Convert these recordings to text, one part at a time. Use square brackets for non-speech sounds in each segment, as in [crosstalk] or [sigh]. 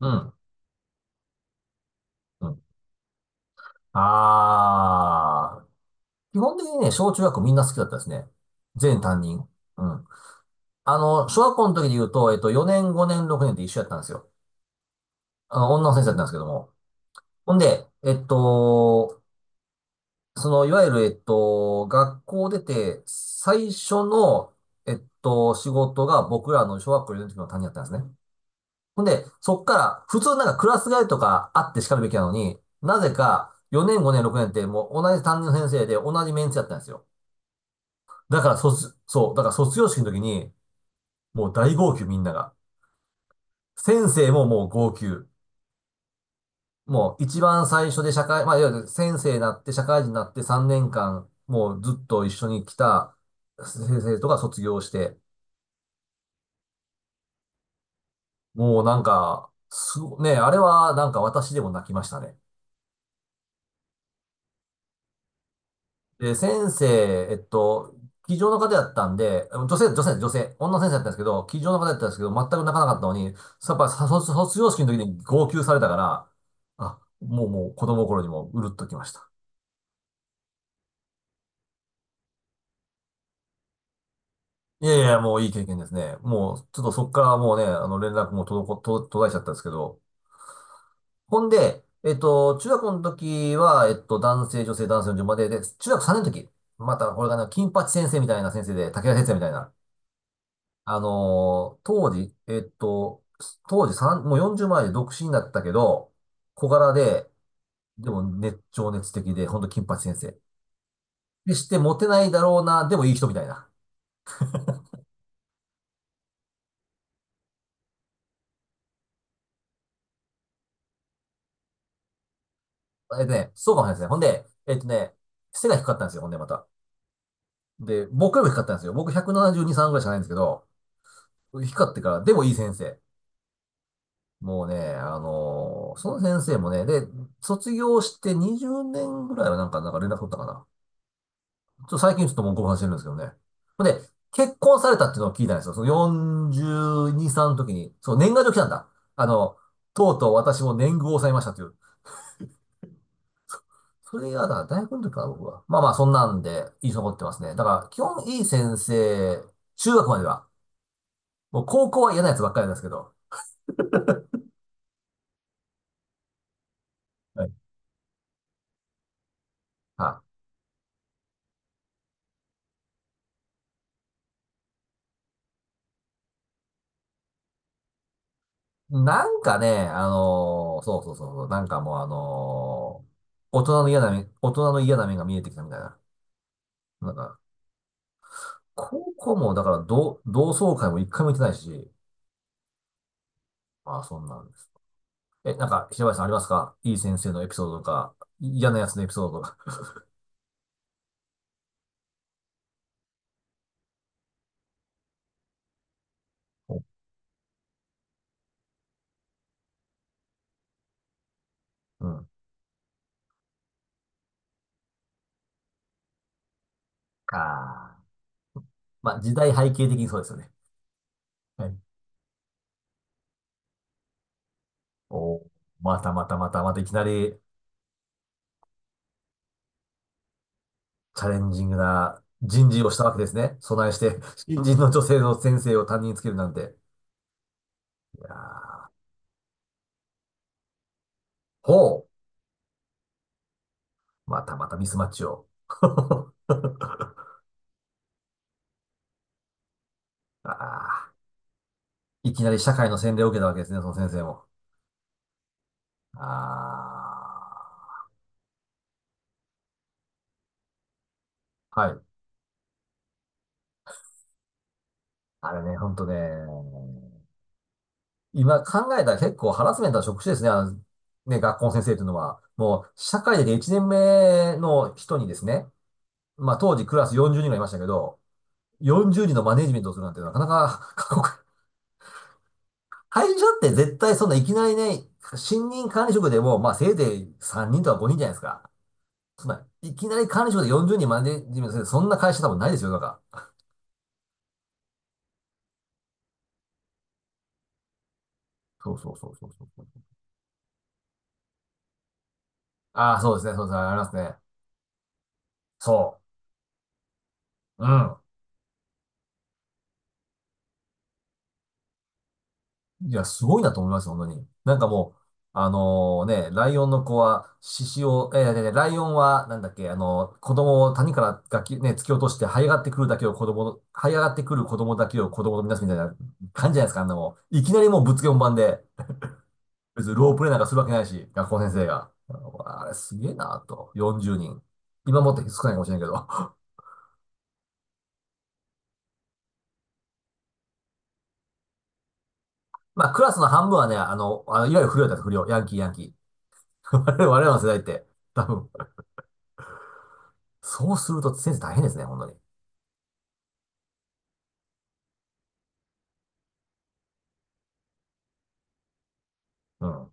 うん。うん。ああ、基本的にね、小中学校みんな好きだったですね。全担任。うん。小学校の時で言うと、4年、5年、6年って一緒やったんですよ。女の先生だったんですけども。ほんで、えっと、その、いわゆる、えっと、学校出て、最初の、仕事が僕らの小学校4年の時の担任だったんですね。ほんで、そっから、普通なんかクラス替えとかあって叱るべきなのに、なぜか4年、5年、6年ってもう同じ担任の先生で同じメンツやったんですよ。だからそう、だから卒業式の時に、もう大号泣みんなが。先生ももう号泣。もう一番最初でまあ、いわゆる先生になって社会人になって3年間、もうずっと一緒に来た先生とか卒業して、もうなんか、すごね、あれはなんか私でも泣きましたね。で、先生、机上の方やったんで、あの女性、女の先生だったんですけど、机上の方やったんですけど、全く泣かなかったのに、やっぱさ卒業式の時に号泣されたから、あ、もう子供の頃にもううるっときました。いやいや、もういい経験ですね。もう、ちょっとそっからもうね、あの連絡も滞こ、と途絶えちゃったんですけど。ほんで、えっと、中学の時は、男性、女性、男性の順番で、で、中学3年の時、またこれがね、金八先生みたいな先生で、武田先生みたいな、当時、当時3、もう40前で独身だったけど、小柄で、でも情熱的で、ほんと金八先生。でして、モテないだろうな、でもいい人みたいな。そうかもしれないですね。ほんで、えっとね、背が低かったんですよ、ほんでまた。で、僕よりも低かったんですよ。僕172、3ぐらいしかないんですけど、低かってから、でもいい先生。もうね、その先生もね、で、卒業して20年ぐらいはなんか、なんか連絡取ったかな。ちょっと最近ちょっともうご無してるんですけどね。ほんで、結婚されたっていうのを聞いたんですよ。その42、歳の時に。そう、年賀状来たんだ。あの、とうとう私も年貢を抑えましたという。それが、だから大学の時かな、僕は。まあまあ、そんなんで、印象残ってますね。だから、基本いい先生、中学までは。もう高校は嫌なやつばっかりなんですけど。はい。はい。なんかね、そうそうそう、なんかもう大人の嫌な面、大人の嫌な面が見えてきたみたいな。なんか、高校も、だから同窓会も一回も行ってないし、ああ、そんなんです。え、なんか、平林さんありますかいい先生のエピソードとか、嫌なやつのエピソードとか。おうん。ああ。まあ、時代背景的にそうですよね。はい。おーまたまたまたまたいきなりチャレンジングな人事をしたわけですね。備えして、新人の女性の先生を担任につけるなんて。いやーほう。またまたミスマッチを。[laughs] ああ。いきなり社会の洗礼を受けたわけですね、その先生も。ああ、はい。あれね、ほんとね、今考えたら結構ハラスメントの職種ですね、ね、学校の先生というのは。もう、社会で1年目の人にですね、まあ当時クラス40人がいましたけど、40人のマネジメントをするなんてなかなか [laughs] 過酷。会社って絶対そんないきなりね、新任管理職でも、まあせいぜい3人とか5人じゃないですか。そんな、いきなり管理職で40人マネジメントする、そんな会社多分ないですよ、なんか。そうそうそうそうそう。ああ、そうですね、そうですね、ありますね。そう。うん。いや、すごいなと思いますよ、本当に。なんかもう、あのね、ライオンの子は、獅子を、えー、でライオンは、なんだっけ、あの子供を谷からがき、ね、突き落として、這い上がってくる子供だけを子供とみなすみたいな感じじゃないですか、あんなもん。いきなりもうぶっつけ本番で、別にロープレイなんかするわけないし、学校先生が。あれすげえなと。40人。今もっと少ないかもしれないけど。[laughs] まあ、クラスの半分はね、あの、いわゆる不良だった不良。ヤンキー。[laughs] 我々の世代って。多分そうすると先生大変ですね、本当に。うん。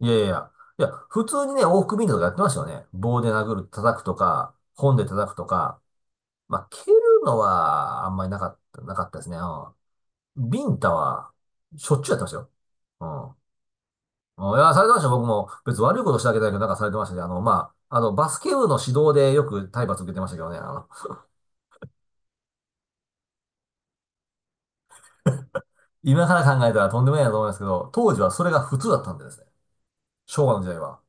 いやいやいや。いや、普通にね、往復ビンタとかやってましたよね。棒で殴る、叩くとか、本で叩くとか。まあ、蹴るのはあんまりなかった、なかったですね。うん。ビンタは、しょっちゅうやってましたよ。うん。うんいや、されてましたよ。僕も別に悪いことしてあげたいけど、なんかされてましたし、バスケ部の指導でよく体罰受けてましたけどね。今から考えたらとんでもないなと思いますけど、当時はそれが普通だったんでですね。昭和の時代は。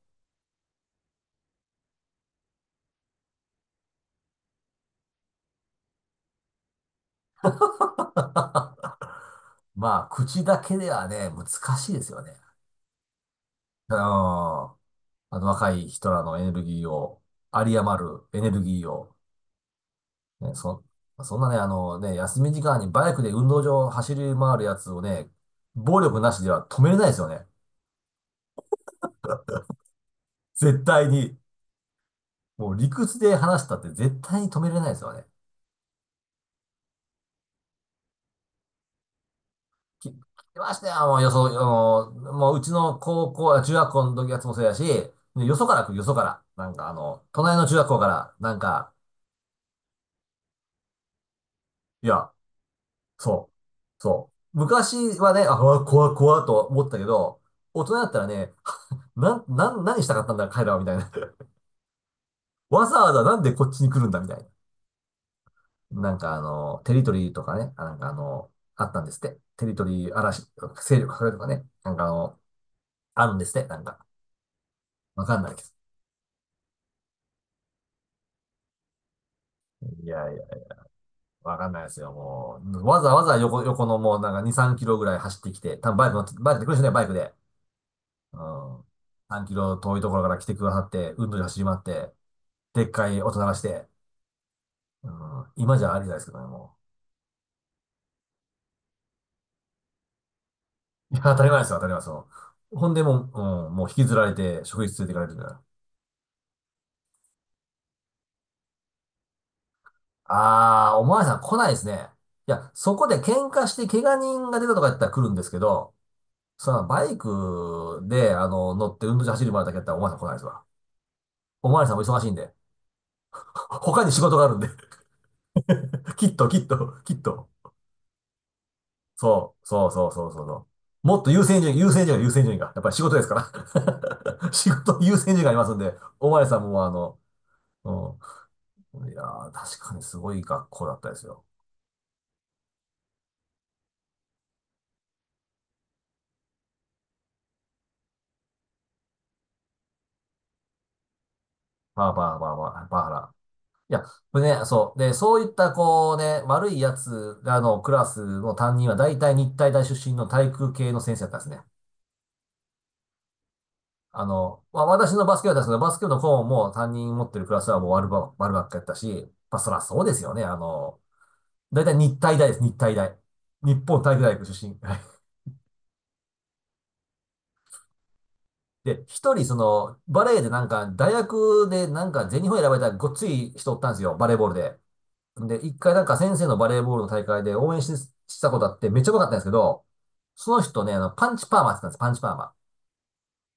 [laughs] まあ、口だけではね、難しいですよね。うん。若い人らのエネルギーを、有り余るエネルギーを、ね、そ、そんなね、あのね、休み時間にバイクで運動場を走り回るやつをね、暴力なしでは止めれないですよね。絶対に。もう理屈で話したって絶対に止めれないですよね。聞きましたよ、もううちの高校、あ中学校の時やつもそうやし、ねよそから来る、よそから。なんかあの、隣の中学校から、なんか、いや、そう。そう。昔はね、あ、うわ怖いと思ったけど、大人だったらね、何したかったんだ、彼らは、みたいな。[laughs] わざわざなんでこっちに来るんだ、みたいな。なんかあの、テリトリーとかね、あなんかあの、あったんですって。テリトリー嵐、勢力拡大とかね、なんかあの、あるんですって、なんか。わかんないけど。いやいや、わかんないですよ、もう。わざわざ横のもうなんか2、3キロぐらい走ってきて、多分バイク乗って、バイクで来る人ね、バイクで。うん。3キロ遠いところから来てくださって、運動で走り回って、でっかい音流して、うん、今じゃありじゃないですけどね、もう。いや、当たり前ですよ、当たり前ですよ。ほんでもう、うん、もう引きずられて、職員室連れて行かれるみたいな。あー、おまわりさん来ないですね。いや、そこで喧嘩して怪我人が出たとかやったら来るんですけど、そのバイクで、乗って運動場走る前だけやったらおまわりさん来ないですわ。おまわりさんも忙しいんで。[laughs] 他に仕事があるんで [laughs] きっと、きっと、きっと。そう、そうそうそうそうそう。もっと優先順位、優先順位、優先順位が。やっぱり仕事ですから。[laughs] 仕事、優先順位がありますんで、お前さんもうん。いやー、確かにすごい学校だったですよ。バーバーバーバー、バーハラ。いや、これね、そう。で、そういった、こうね、悪いやつらのクラスの担任は、大体日体大出身の体育系の先生だったんですね。私のバスケ部だったんですけど、バスケ部の顧問も担任持ってるクラスはもう悪ばっかやったし、まあ、そらそうですよね。あの、だいたい日体大です、日体大。日本体育大学出身。はいで、一人、その、バレーでなんか、大学でなんか、全日本選ばれたごっつい人おったんですよ、バレーボールで。で、一回なんか先生のバレーボールの大会で応援し、したことあって、めっちゃ良かったんですけど、その人ね、あの、パンチパーマって言ったんです、パンチパーマ。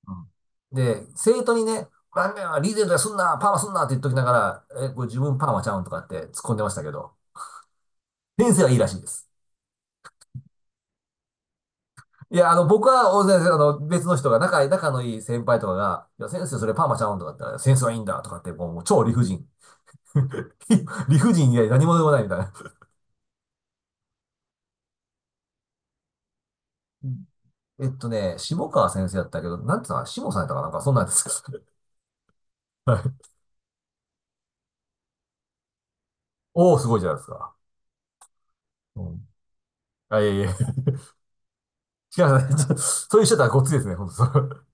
うんで、生徒にね、ラーメンはリーゼントやすんな、パーマすんなって言っときながら、え、これ自分パーマちゃうんとかって突っ込んでましたけど、先生はいいらしいです。いや、あの、僕は、大先生、あの、別の人が、仲のいい先輩とかが、いや、先生、それパーマちゃうんとかって言ったら、センスはいいんだとかって、もう超理不尽。[laughs] 理不尽以外何もでもないみたいな。えっとね、下川先生だったけど、なんてさ、下さんやったかなんか、そんなんです。[laughs] はいおお、すごいじゃないですか。うん。あ、いやいや、違う、ちょそういう人だったらごっついですね、本当